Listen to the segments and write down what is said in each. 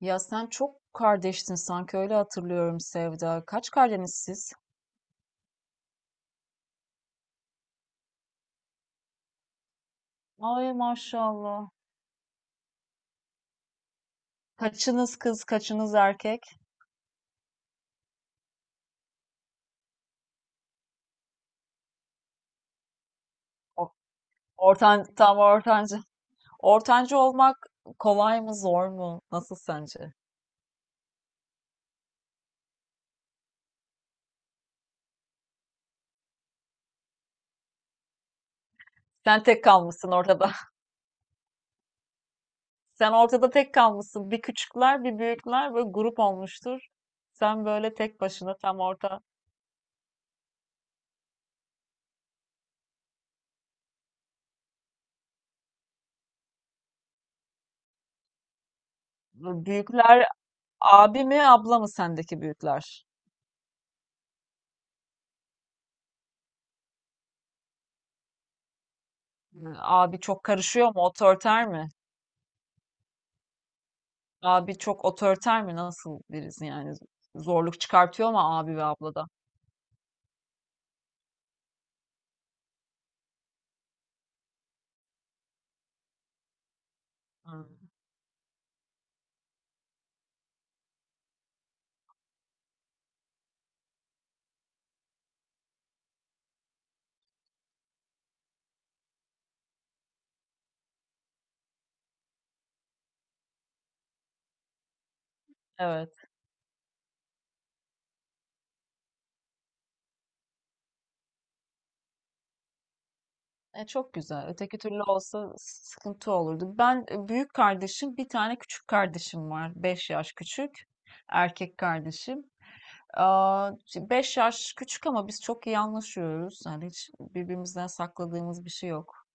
Ya sen çok kardeştin sanki öyle hatırlıyorum Sevda. Kaç kardeşsiniz siz? Ay maşallah. Kaçınız kız, kaçınız erkek? O- tam ortancı. Ortancı olmak kolay mı, zor mu? Nasıl sence? Sen tek kalmışsın ortada. Sen ortada tek kalmışsın. Bir küçükler, bir büyükler böyle grup olmuştur. Sen böyle tek başına tam orta. Büyükler abi mi, abla mı sendeki büyükler? Abi çok karışıyor mu, otoriter mi? Abi çok otoriter mi? Nasıl birisi yani? Zorluk çıkartıyor mu abi ve ablada? Hmm. Evet. E, çok güzel. Öteki türlü olsa sıkıntı olurdu. Ben büyük kardeşim, bir tane küçük kardeşim var. 5 yaş küçük. Erkek kardeşim. Aa, 5 yaş küçük ama biz çok iyi anlaşıyoruz. Yani hiç birbirimizden sakladığımız bir şey yok.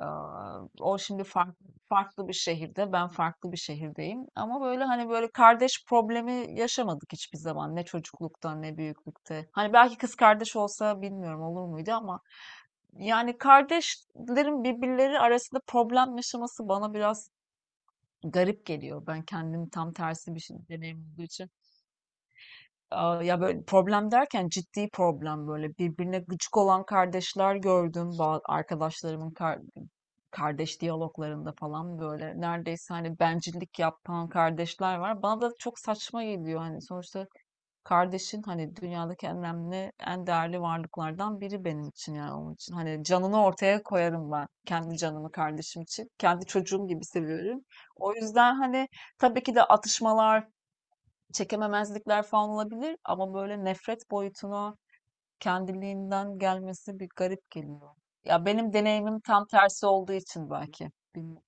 Aa, o şimdi farklı farklı bir şehirde, ben farklı bir şehirdeyim. Ama böyle hani böyle kardeş problemi yaşamadık hiçbir zaman. Ne çocuklukta ne büyüklükte. Hani belki kız kardeş olsa bilmiyorum olur muydu ama yani kardeşlerin birbirleri arasında problem yaşaması bana biraz garip geliyor. Ben kendim tam tersi bir şey deneyim olduğu için. Aa, ya böyle problem derken ciddi problem böyle birbirine gıcık olan kardeşler gördüm arkadaşlarımın kardeş diyaloglarında falan böyle neredeyse hani bencillik yapan kardeşler var. Bana da çok saçma geliyor hani sonuçta kardeşin hani dünyadaki en önemli en değerli varlıklardan biri benim için yani onun için hani canını ortaya koyarım ben kendi canımı kardeşim için kendi çocuğum gibi seviyorum. O yüzden hani tabii ki de atışmalar çekememezlikler falan olabilir ama böyle nefret boyutuna kendiliğinden gelmesi bir garip geliyor. Ya benim deneyimim tam tersi olduğu için belki. Bilmiyorum.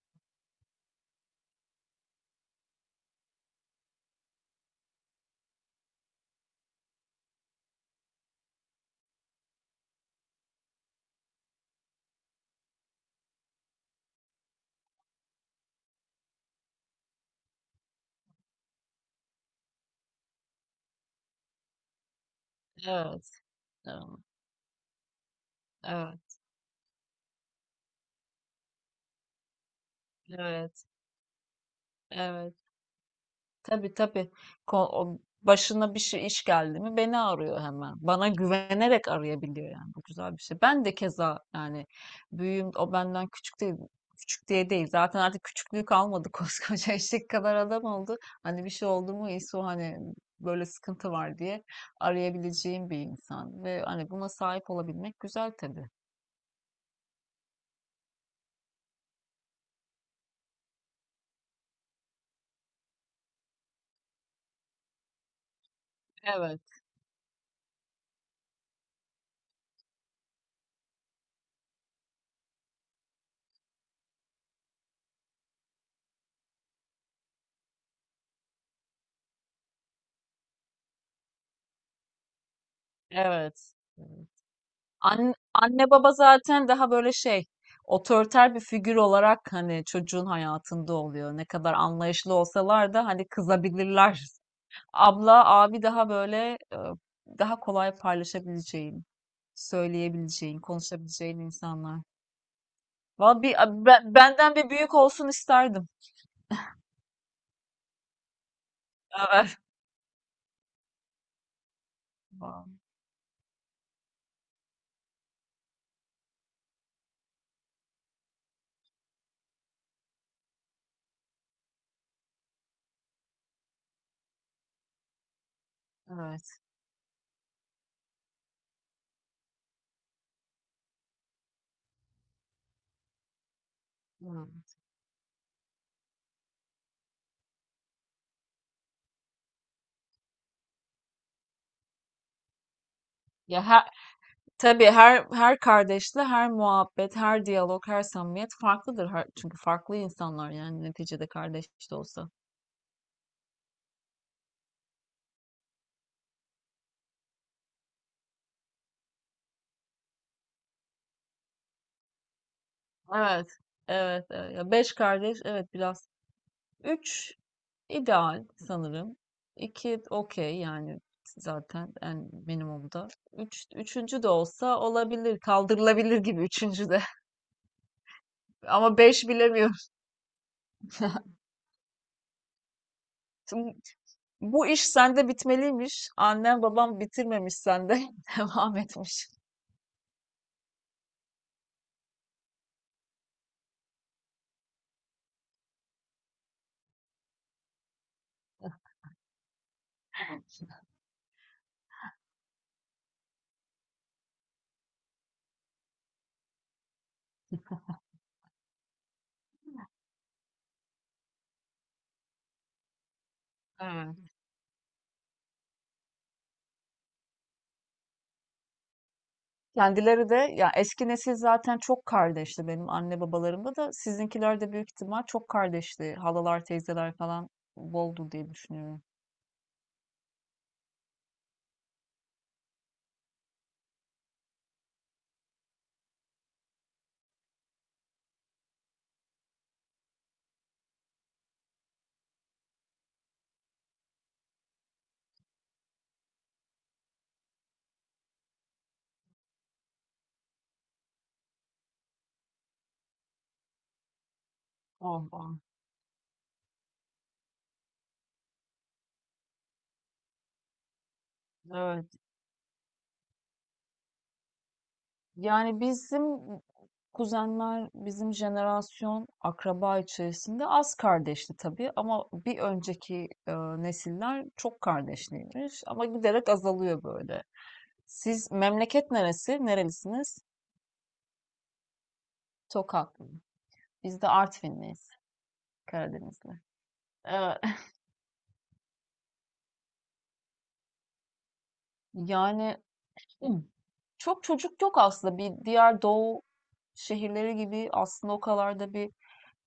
Evet. Evet. Evet. Evet. Evet. Tabii, tabii. O başına bir şey iş geldi mi beni arıyor hemen. Bana güvenerek arayabiliyor yani. Bu güzel bir şey. Ben de keza yani büyüğüm, o benden küçük değil. Küçük diye değil. Zaten artık küçüklüğü kalmadı. Koskoca eşek kadar adam oldu. Hani bir şey oldu mu İso, hani böyle sıkıntı var diye arayabileceğim bir insan. Ve hani buna sahip olabilmek güzel tabii. Evet, evet. Anne baba zaten daha böyle şey, otoriter bir figür olarak hani çocuğun hayatında oluyor. Ne kadar anlayışlı olsalar da hani kızabilirler. Abla, abi daha böyle daha kolay paylaşabileceğin, söyleyebileceğin, konuşabileceğin insanlar. Vallahi bir, benden bir büyük olsun isterdim. Evet. Vallahi. Evet. Hmm. Ya her, tabii her kardeşle her muhabbet, her diyalog, her samimiyet farklıdır. Çünkü farklı insanlar, yani neticede kardeş de olsa. Evet, evet, evet. Ya beş kardeş, evet biraz. Üç ideal sanırım. İki okey yani zaten en minimumda. Üç, üçüncü de olsa olabilir, kaldırılabilir gibi üçüncü de. Ama beş bilemiyorum. Şimdi bu iş sende bitmeliymiş. Annem babam bitirmemiş sende. Devam etmiş. Evet. Kendileri de ya eski nesil, zaten çok kardeşti. Benim anne babalarımda da, sizinkiler de büyük ihtimal çok kardeşti. Halalar, teyzeler falan boldu diye düşünüyorum. Oha. Evet. Yani bizim kuzenler, bizim jenerasyon akraba içerisinde az kardeşti tabii, ama bir önceki nesiller çok kardeşliymiş, ama giderek azalıyor böyle. Siz memleket neresi? Nerelisiniz? Tokatlı. Biz de Artvinliyiz, Karadenizli. Yani hmm, çok çocuk yok aslında. Bir diğer doğu şehirleri gibi aslında o kadar da bir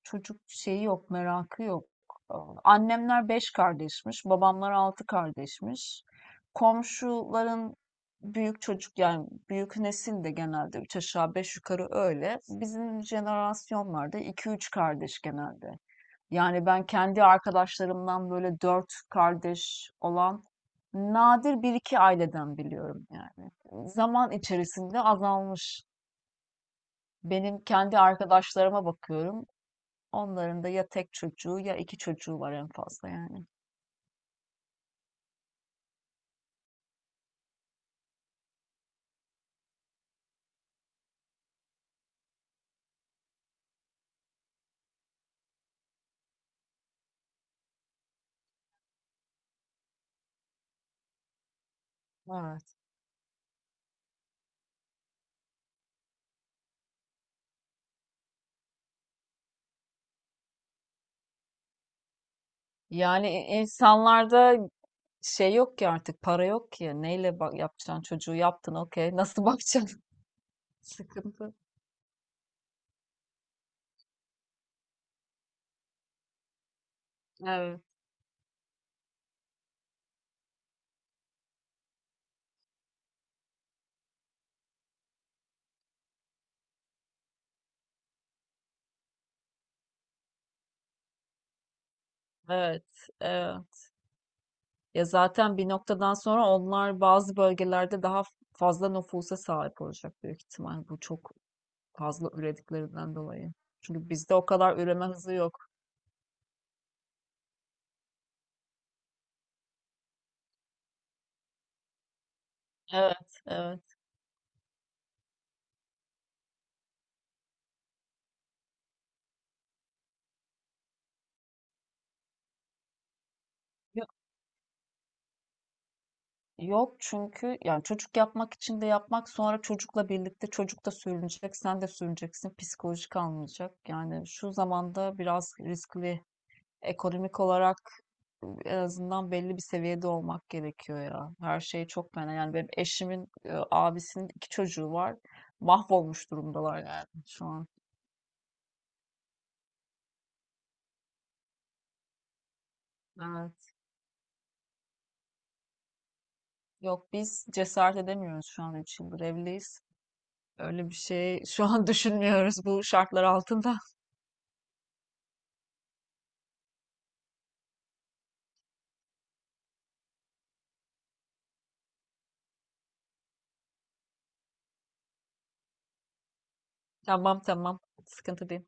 çocuk şeyi yok, merakı yok. Ee, Annemler beş kardeşmiş, babamlar altı kardeşmiş. Komşuların büyük çocuk yani büyük nesil de genelde üç aşağı beş yukarı öyle. Bizim jenerasyonlarda iki üç kardeş genelde. Yani ben kendi arkadaşlarımdan böyle dört kardeş olan nadir bir iki aileden biliyorum yani. Zaman içerisinde azalmış. Benim kendi arkadaşlarıma bakıyorum. Onların da ya tek çocuğu ya iki çocuğu var en fazla yani. Evet. Yani insanlarda şey yok ki, artık para yok ki. Neyle bak yapacaksın? Çocuğu yaptın okey. Nasıl bakacaksın? Sıkıntı. Evet. Evet. Evet. Ya zaten bir noktadan sonra onlar bazı bölgelerde daha fazla nüfusa sahip olacak büyük ihtimal. Bu çok fazla ürediklerinden dolayı. Çünkü bizde o kadar üreme hızı yok. Evet, evet. Yo- Yok, çünkü yani çocuk yapmak için de yapmak, sonra çocukla birlikte çocuk da sürünecek, sen de sürüneceksin, psikolojik almayacak. Yani şu zamanda biraz riskli, ekonomik olarak en azından belli bir seviyede olmak gerekiyor ya. Her şey çok fena. Yani benim eşimin abisinin iki çocuğu var. Mahvolmuş durumdalar yani şu an. Evet. Yok, biz cesaret edemiyoruz şu an, 3 yıldır evliyiz. Öyle bir şey şu an düşünmüyoruz bu şartlar altında. Tamam, tamam. Sıkıntı değil.